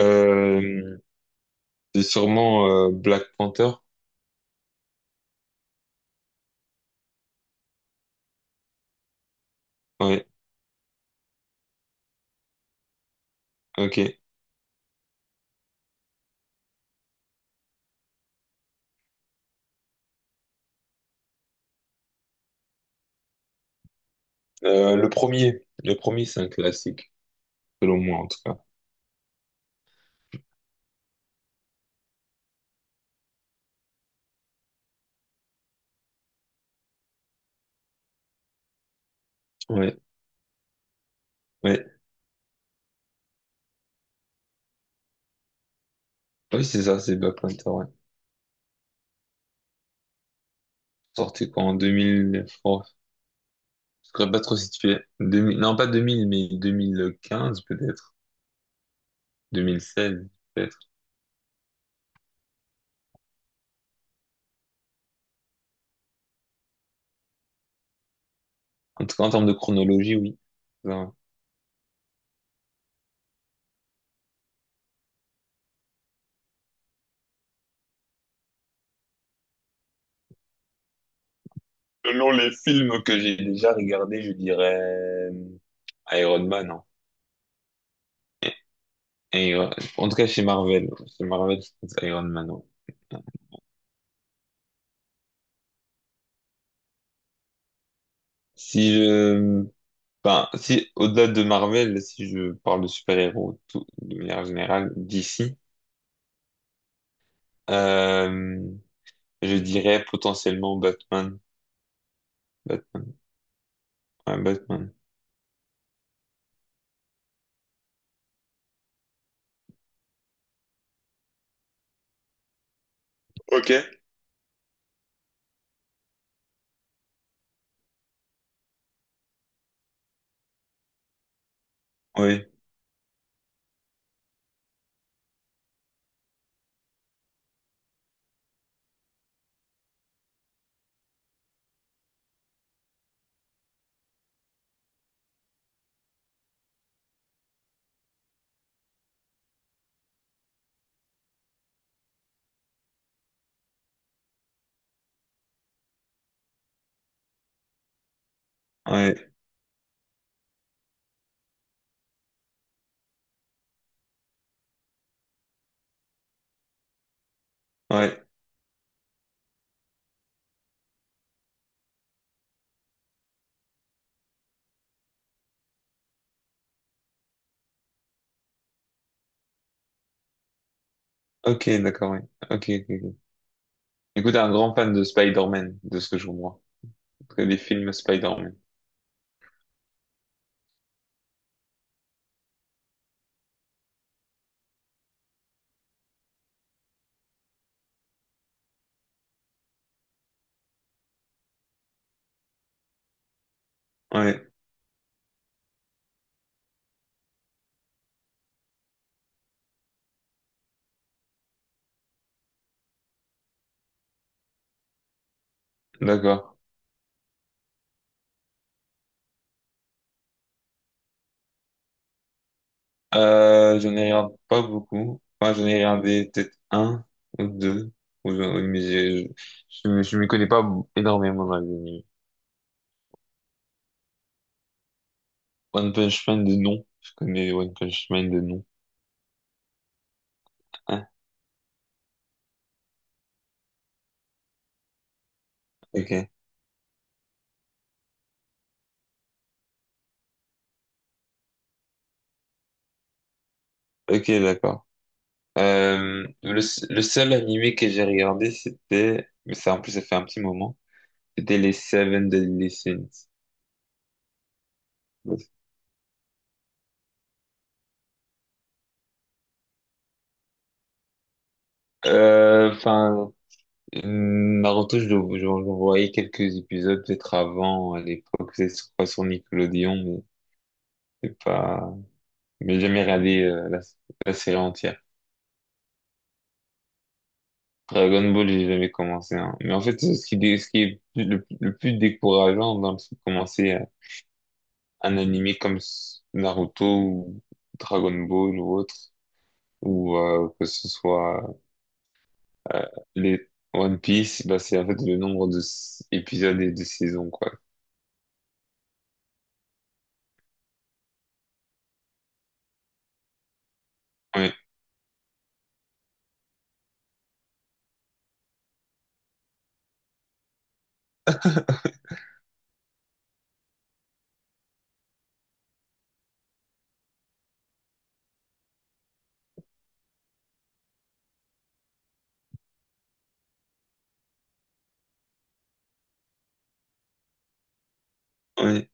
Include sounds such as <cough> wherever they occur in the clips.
Euh, c'est sûrement Black Panther. Ouais, ok. Le premier, le premier, c'est un classique, selon moi en tout cas. Ouais, ouais. Oui, c'est ça, c'est Black Panther, ouais. Sorti quoi en 2000, oh, je serais pas trop situé. Deux mille non, pas 2000 mais 2015 peut-être, deux mille seize peut-être. En tout cas, en termes de chronologie, oui. Ouais. Selon les films que j'ai déjà regardés, je dirais euh, Iron Man, hein. Iron- En tout cas, chez Marvel, je pense Iron Man, ouais. Si je, enfin, si au-delà de Marvel, si je parle de super-héros de manière générale, d'ici, euh, je dirais potentiellement Batman. Batman. Ouais, Batman. Ok. Oui, ouais, ouais. Ok, d'accord, oui. Ok, ok, ok. Écoute, un grand fan de Spider-Man, de ce que je comprends. En tout cas, des films Spider-Man. Ouais, d'accord. Je n'ai regarde pas beaucoup. Enfin, j'en ai regardé peut-être un ou deux. Oui, mais je m'y connais pas énormément dans les animés. One Punch Man de nom. Je connais One Punch Man de nom. Ah, ok. Ok, d'accord. Le seul animé que j'ai regardé, c'était, mais ça, en plus, ça fait un petit moment. C'était les Seven Deadly Sins. Euh, enfin, Naruto, j'en voyais quelques épisodes peut-être avant, à l'époque, c'est sur quoi, sur Nickelodeon, mais c'est pas... Mais j'ai jamais regardé la série entière. Dragon Ball, j'ai jamais commencé, hein. Mais en fait, ce qui, ce qui est le plus décourageant dans le fait de commencer un animé comme Naruto ou Dragon Ball ou autre, ou que ce soit euh, les One Piece, bah, c'est en fait le nombre de épisodes et de saisons, quoi. Ouais. <laughs> Oui,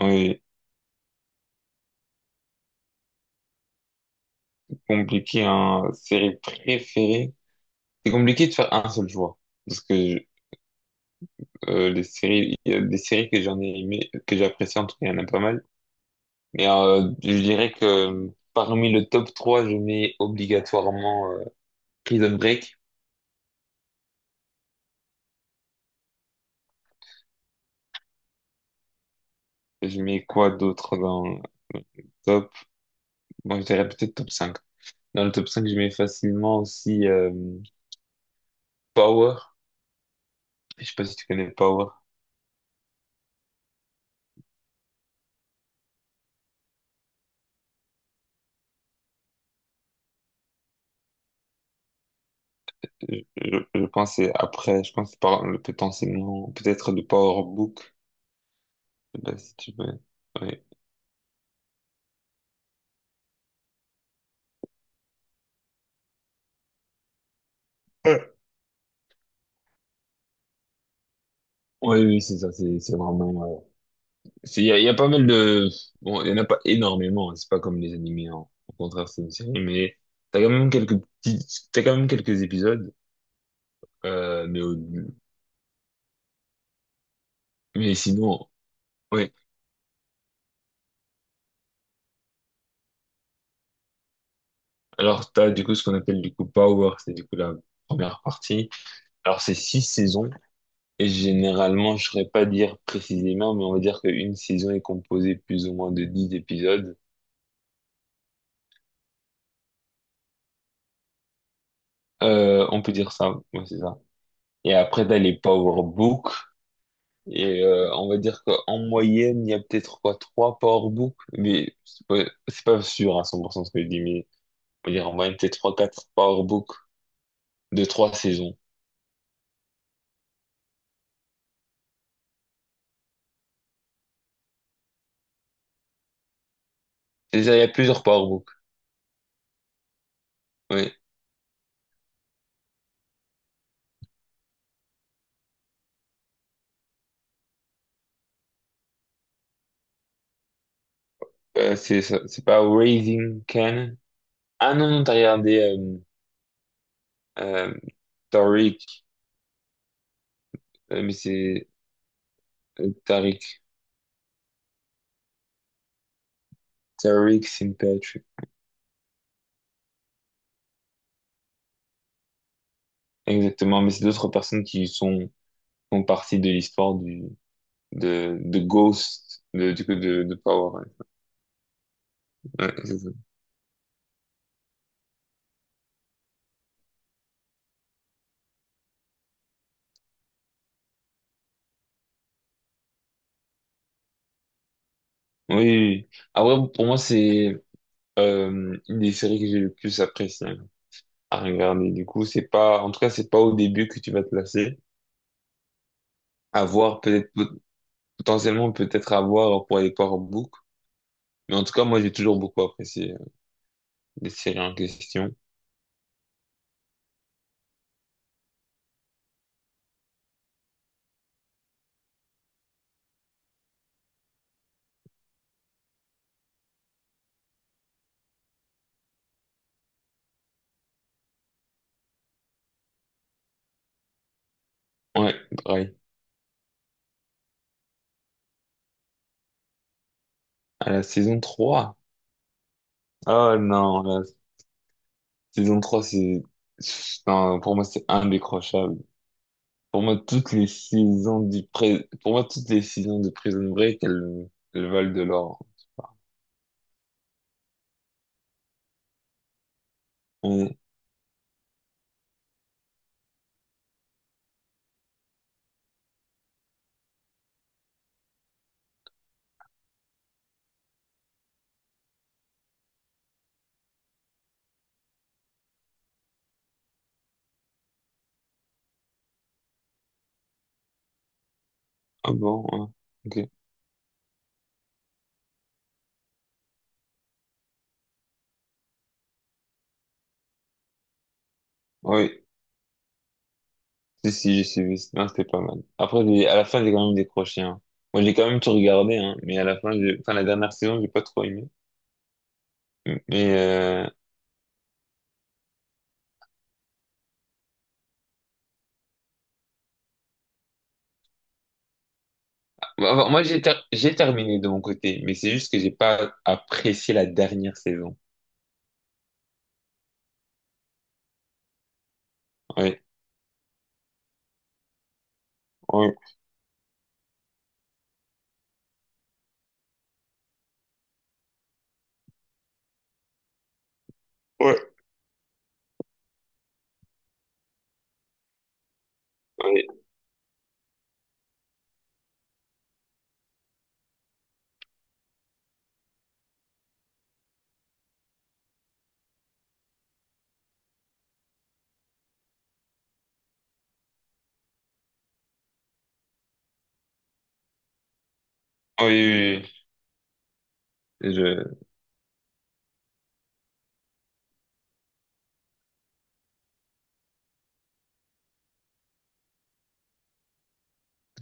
oui. Compliqué, hein. Série préférée. C'est compliqué de faire un seul choix. Parce que je- les séries, il y a des séries que j'en ai aimé, que j'apprécie, en tout cas, il y en a pas mal. Mais je dirais que parmi le top 3 je mets obligatoirement Prison Break. Je mets quoi d'autre dans le top? Moi, je dirais peut-être top cinq. Dans le top 5 je mets facilement aussi Power. Je sais pas si tu connais Power. Je, je pense que c'est après, je pense que c'est potentiellement peut-être de Power Book. Bah, si tu veux. Ouais. Ouais. Ouais, oui, c'est ça, c'est vraiment... il y a pas mal de... Bon, il y en a pas énormément, hein, c'est pas comme les animés, hein. Au contraire, c'est une série, mais t'as quand même quelques petits... T'as quand même quelques épisodes, euh, mais, au- mais sinon... Ouais. Alors, t'as du coup ce qu'on appelle du coup Power, c'est du coup la première partie. Alors, c'est six saisons, et généralement, je saurais pas dire précisément, mais on va dire qu'une saison est composée plus ou moins de dix épisodes. On peut dire ça, ouais, c'est ça. Et après, t'as les power books. Et on va dire qu'en moyenne, il y a peut-être quoi, trois power books. Mais c'est pas sûr à 100% ce que je dis, mais on va dire en moyenne, peut-être trois, quatre power books de trois saisons. Déjà, il y a plusieurs power books. Oui. C'est c'est pas Raising Can. Ah non, non, t'as regardé euh, Tariq, euh, mais c'est euh, Tariq, Tariq St. Patrick. Exactement, mais c'est d'autres personnes qui sont, font partie de l'histoire du de Ghost, de, du coup, de Power. Ouais, c'est ça. Oui, oui, oui. Ah ouais pour moi, c'est une des séries que j'ai le plus apprécié à regarder. Du coup, c'est pas, en tout cas, c'est pas au début que tu vas te lasser. À voir, peut-être, potentiellement, peut-être à voir pour les Power book. Mais en tout cas, moi, j'ai toujours beaucoup apprécié les séries en question. Ouais, pareil. À la saison trois. Oh non, la saison 3 c'est, non, pour moi, c'est indécrochable. Pour moi, toutes les saisons de Prison Break, elles valent de l'or. Ouais. Ah bon, ouais. Ok. Ah oui. Si, si, j'ai suivi. Non, c'était pas mal. Après, à la fin, j'ai quand même décroché, hein. Moi, j'ai quand même tout regardé, hein. Mais à la fin, enfin, la dernière saison, j'ai pas trop aimé. Mais, bah, moi, j'ai terminé de mon côté. Mais c'est juste que j'ai pas apprécié la dernière saison. Oui. Oui. Oui. Oui. Oui. Oui, oui. Je...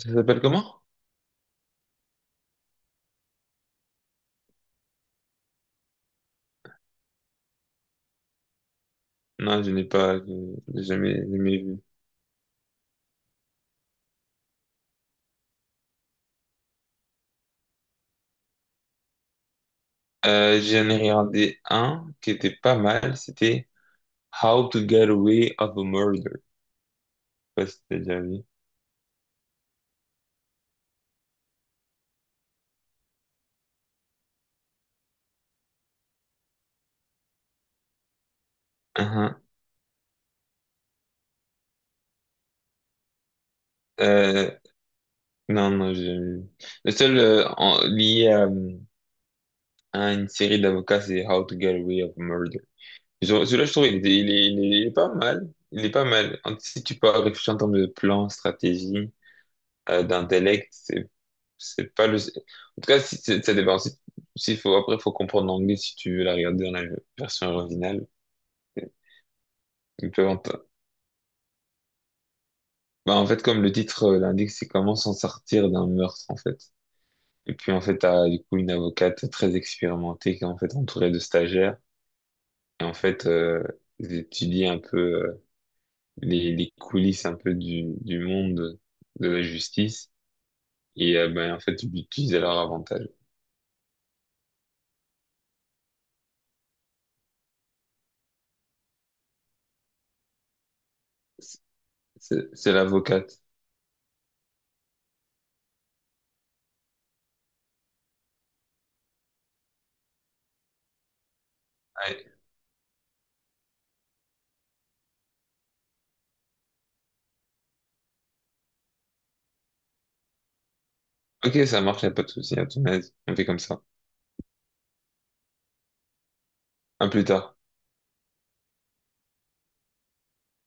Ça s'appelle comment? Non, je n'ai pas, je n'ai jamais, jamais vu. J'en ai regardé un qui était pas mal, c'était How to Get Away of a Murder. Je sais pas si t'as déjà vu. Uhum. Euh, non, non, j'ai jamais vu. Lié à une série d'avocats, c'est How to Get Away of a Murder. Celui-là, je trouve, il est pas mal. Il est pas mal. Si tu peux réfléchir en termes de plan, stratégie, d'intellect, c'est pas le... En tout cas, si, ça dépend. Si, si faut, après, faut comprendre l'anglais si tu veux la regarder dans la version originale. Il peut en... Bah, en fait, comme le titre l'indique, c'est comment s'en sortir d'un meurtre, en fait. Et puis, en fait, t'as du coup une avocate très expérimentée qui est en fait entourée de stagiaires. Et en fait, ils étudient un peu les coulisses un peu du monde de la justice. Et ben, en fait, ils l'utilisent à leur avantage. C'est c'est l'avocate. Ouais. Ok, ça marche, y a pas de souci, à ton aise. On fait comme ça. À plus tard.